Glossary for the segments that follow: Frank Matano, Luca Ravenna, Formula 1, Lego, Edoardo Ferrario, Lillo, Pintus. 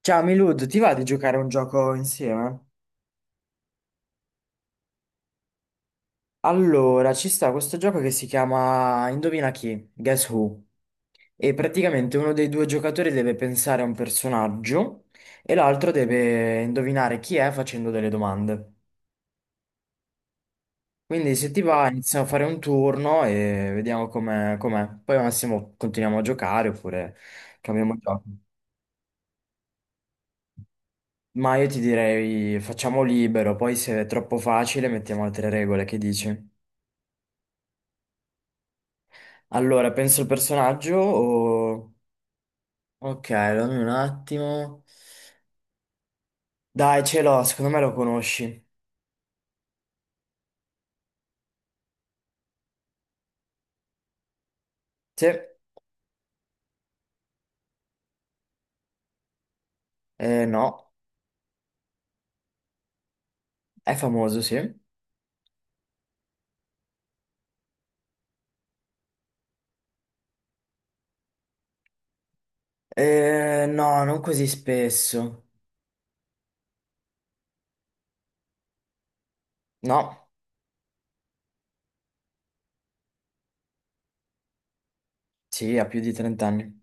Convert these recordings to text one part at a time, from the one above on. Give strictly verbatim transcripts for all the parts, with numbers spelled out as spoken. Ciao Milud, ti va di giocare a un gioco insieme? Allora, ci sta questo gioco che si chiama Indovina chi? Guess Who? E praticamente uno dei due giocatori deve pensare a un personaggio e l'altro deve indovinare chi è facendo delle domande. Quindi se ti va iniziamo a fare un turno e vediamo com'è, com'è. Poi al massimo continuiamo a giocare oppure cambiamo gioco. Ma io ti direi facciamo libero, poi se è troppo facile mettiamo altre regole, che dici? Allora, penso il personaggio o... Ok, dammi un attimo. Dai, ce l'ho, secondo me lo conosci. Sì? Eh, no. È famoso, sì? Eh, no, non così spesso. No? Sì, ha più di trenta anni.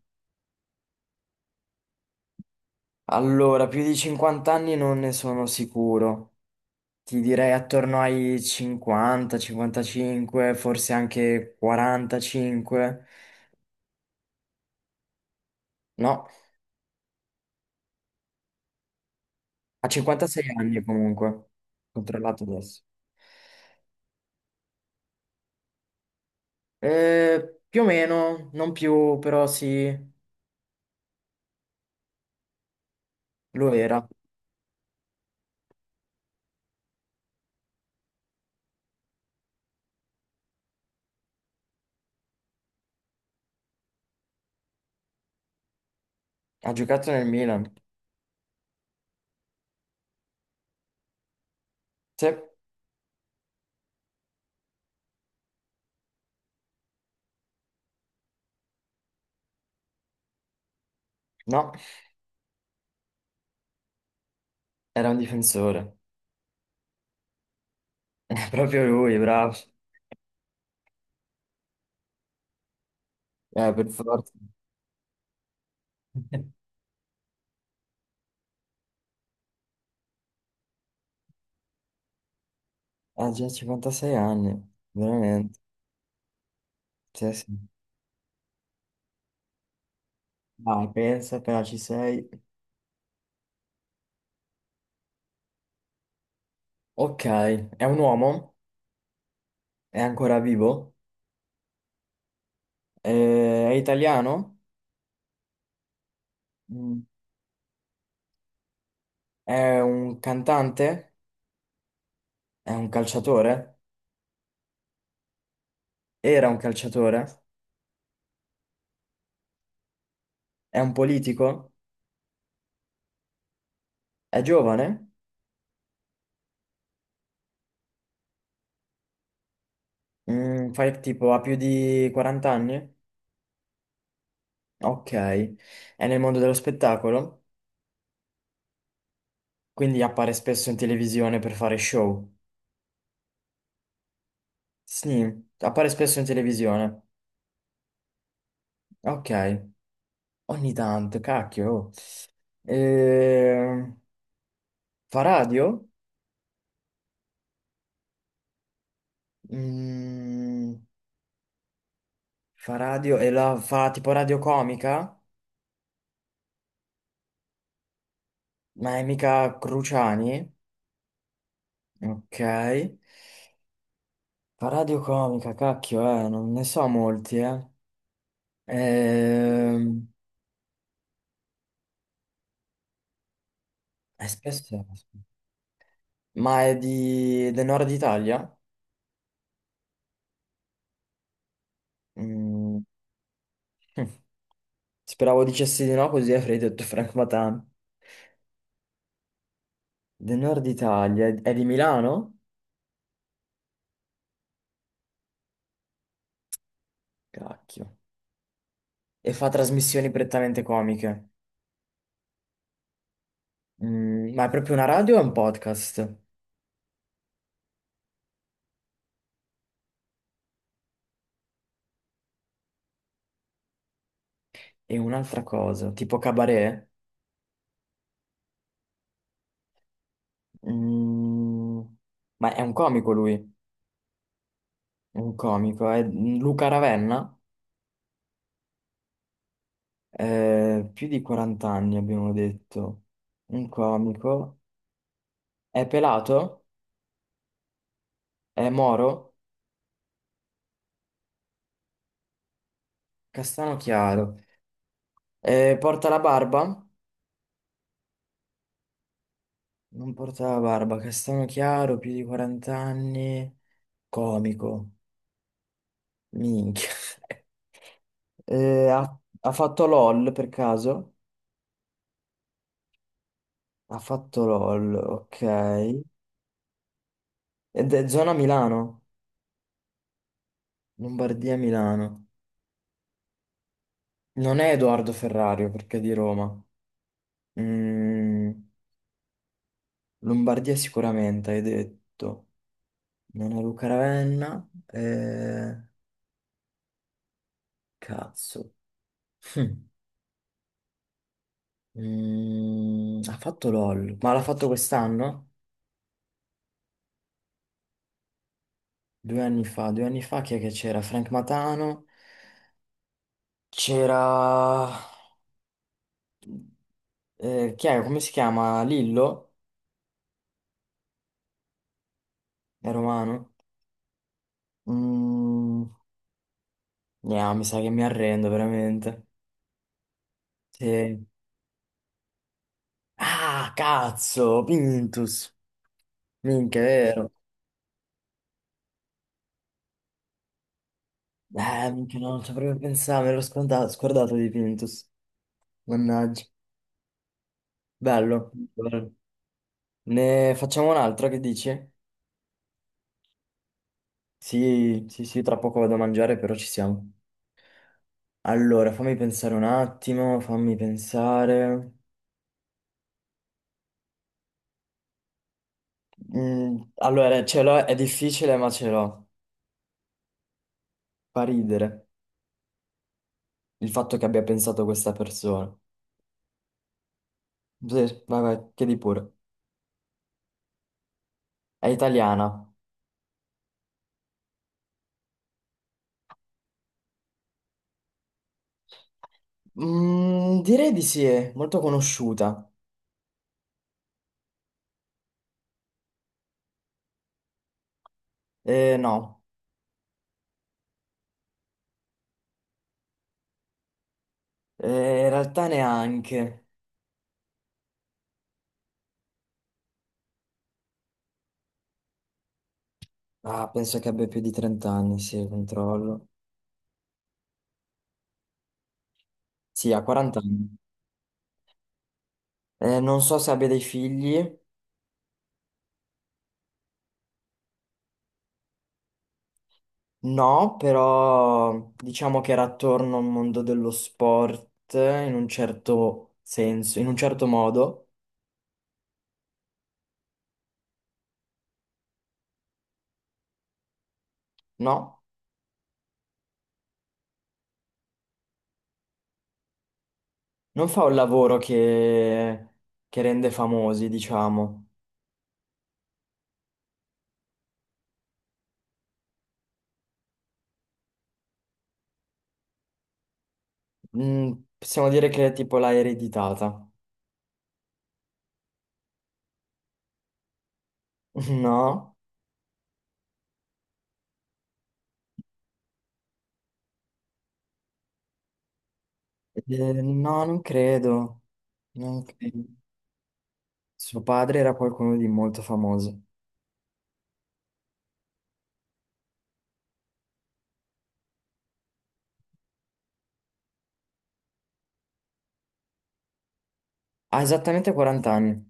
Allora, più di cinquanta anni non ne sono sicuro. Ti direi attorno ai cinquanta, cinquantacinque, forse anche quarantacinque. No, ha cinquantasei anni comunque. Controllato adesso. Eh, più o meno, non più, però sì, lo era. Ha giocato nel Milan. Sì, no, era un difensore. È proprio lui, bravo. Eh, per forza. Ha già cinquantasei anni, veramente. Sì, sì. Dai, pensa, appena ci sei. Ok, è un uomo, è ancora vivo, eh, è italiano, Mm. è un cantante, è un calciatore, era un calciatore, è un politico, è giovane. Mm, fai tipo ha più di quaranta anni? Ok, è nel mondo dello spettacolo, quindi appare spesso in televisione per fare show. Sì, appare spesso in televisione. Ok, ogni tanto, cacchio. Oh. Eh, fa radio? Mm, Fa radio e la fa tipo radio comica? Ma è mica Cruciani? Ok. Fa radio comica, cacchio, eh, non ne so molti, eh. Ehm, Eh, spesso... Ma è di... del nord Italia? Mm. Hm. Speravo dicessi di no, così avrei detto Frank Matan. Del nord Italia, è di Milano? Cacchio. E fa trasmissioni prettamente comiche. Mm, ma è proprio una radio o è un podcast? E un'altra cosa, tipo cabaret? Mm, ma è un comico lui, è un comico, è Luca Ravenna? Eh, più di quaranta anni abbiamo detto. Un comico. È pelato, è moro, castano chiaro. Eh, porta la barba? Non porta la barba, castano chiaro, più di quaranta anni, comico, minchia. Eh, ha, ha fatto LOL per caso? Ha fatto LOL, ok. Ed è zona Milano, Lombardia Milano. Non è Edoardo Ferrario perché è di Roma. Mm, Lombardia sicuramente, hai detto. Non è Luca Ravenna. Eh, cazzo. Mm. Mm, ha fatto LOL, ma l'ha fatto quest'anno? Due anni fa, due anni fa chi è che c'era? Frank Matano, c'era... eh, chi è? Come si chiama? Lillo? È romano? Mm, no, mi sa che mi arrendo veramente. Sì. Ah, cazzo! Pintus! Minchia, è vero. Eh, minchia, no, non ci avrei pensato, me l'ho scordato, scordato di Pintus. Mannaggia. Bello. Ne facciamo un altro, che dici? Sì, sì, sì, tra poco vado a mangiare, però ci siamo. Allora, fammi pensare un attimo, fammi pensare. Mm, allora, ce l'ho, è difficile, ma ce l'ho. Fa ridere il fatto che abbia pensato questa persona. Sì, vai, vai, chiedi pure. È italiana. Mm, direi di sì, è molto conosciuta. Eh, no, Eh, in realtà neanche. Ah, penso che abbia più di trenta anni, sì, controllo. Sì, ha quaranta anni. Eh, non so se abbia dei figli, No, però diciamo che era attorno al mondo dello sport in un certo senso, in un certo modo, no? Non fa un lavoro che, che rende famosi, diciamo. Mm, Possiamo dire che tipo l'ha ereditata. No? Eh, no, non credo. Non credo. Suo padre era qualcuno di molto famoso. Ha esattamente quaranta anni,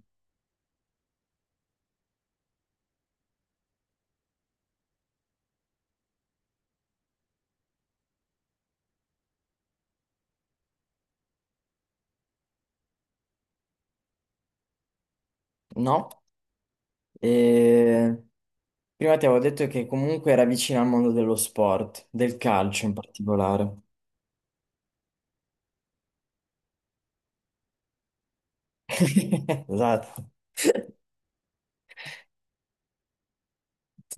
no? E prima ti avevo detto che comunque era vicino al mondo dello sport, del calcio in particolare. Esatto.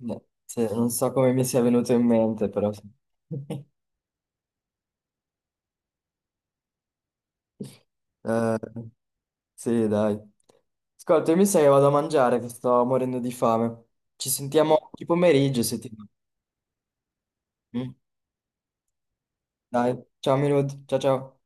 No, sì, non so come mi sia venuto in mente, però. sì. Eh, sì, dai. Ascolta, io mi sa che vado a mangiare, che sto morendo di fame. Ci sentiamo oggi pomeriggio se ti va. Mm? Dai, ciao Milud, ciao ciao.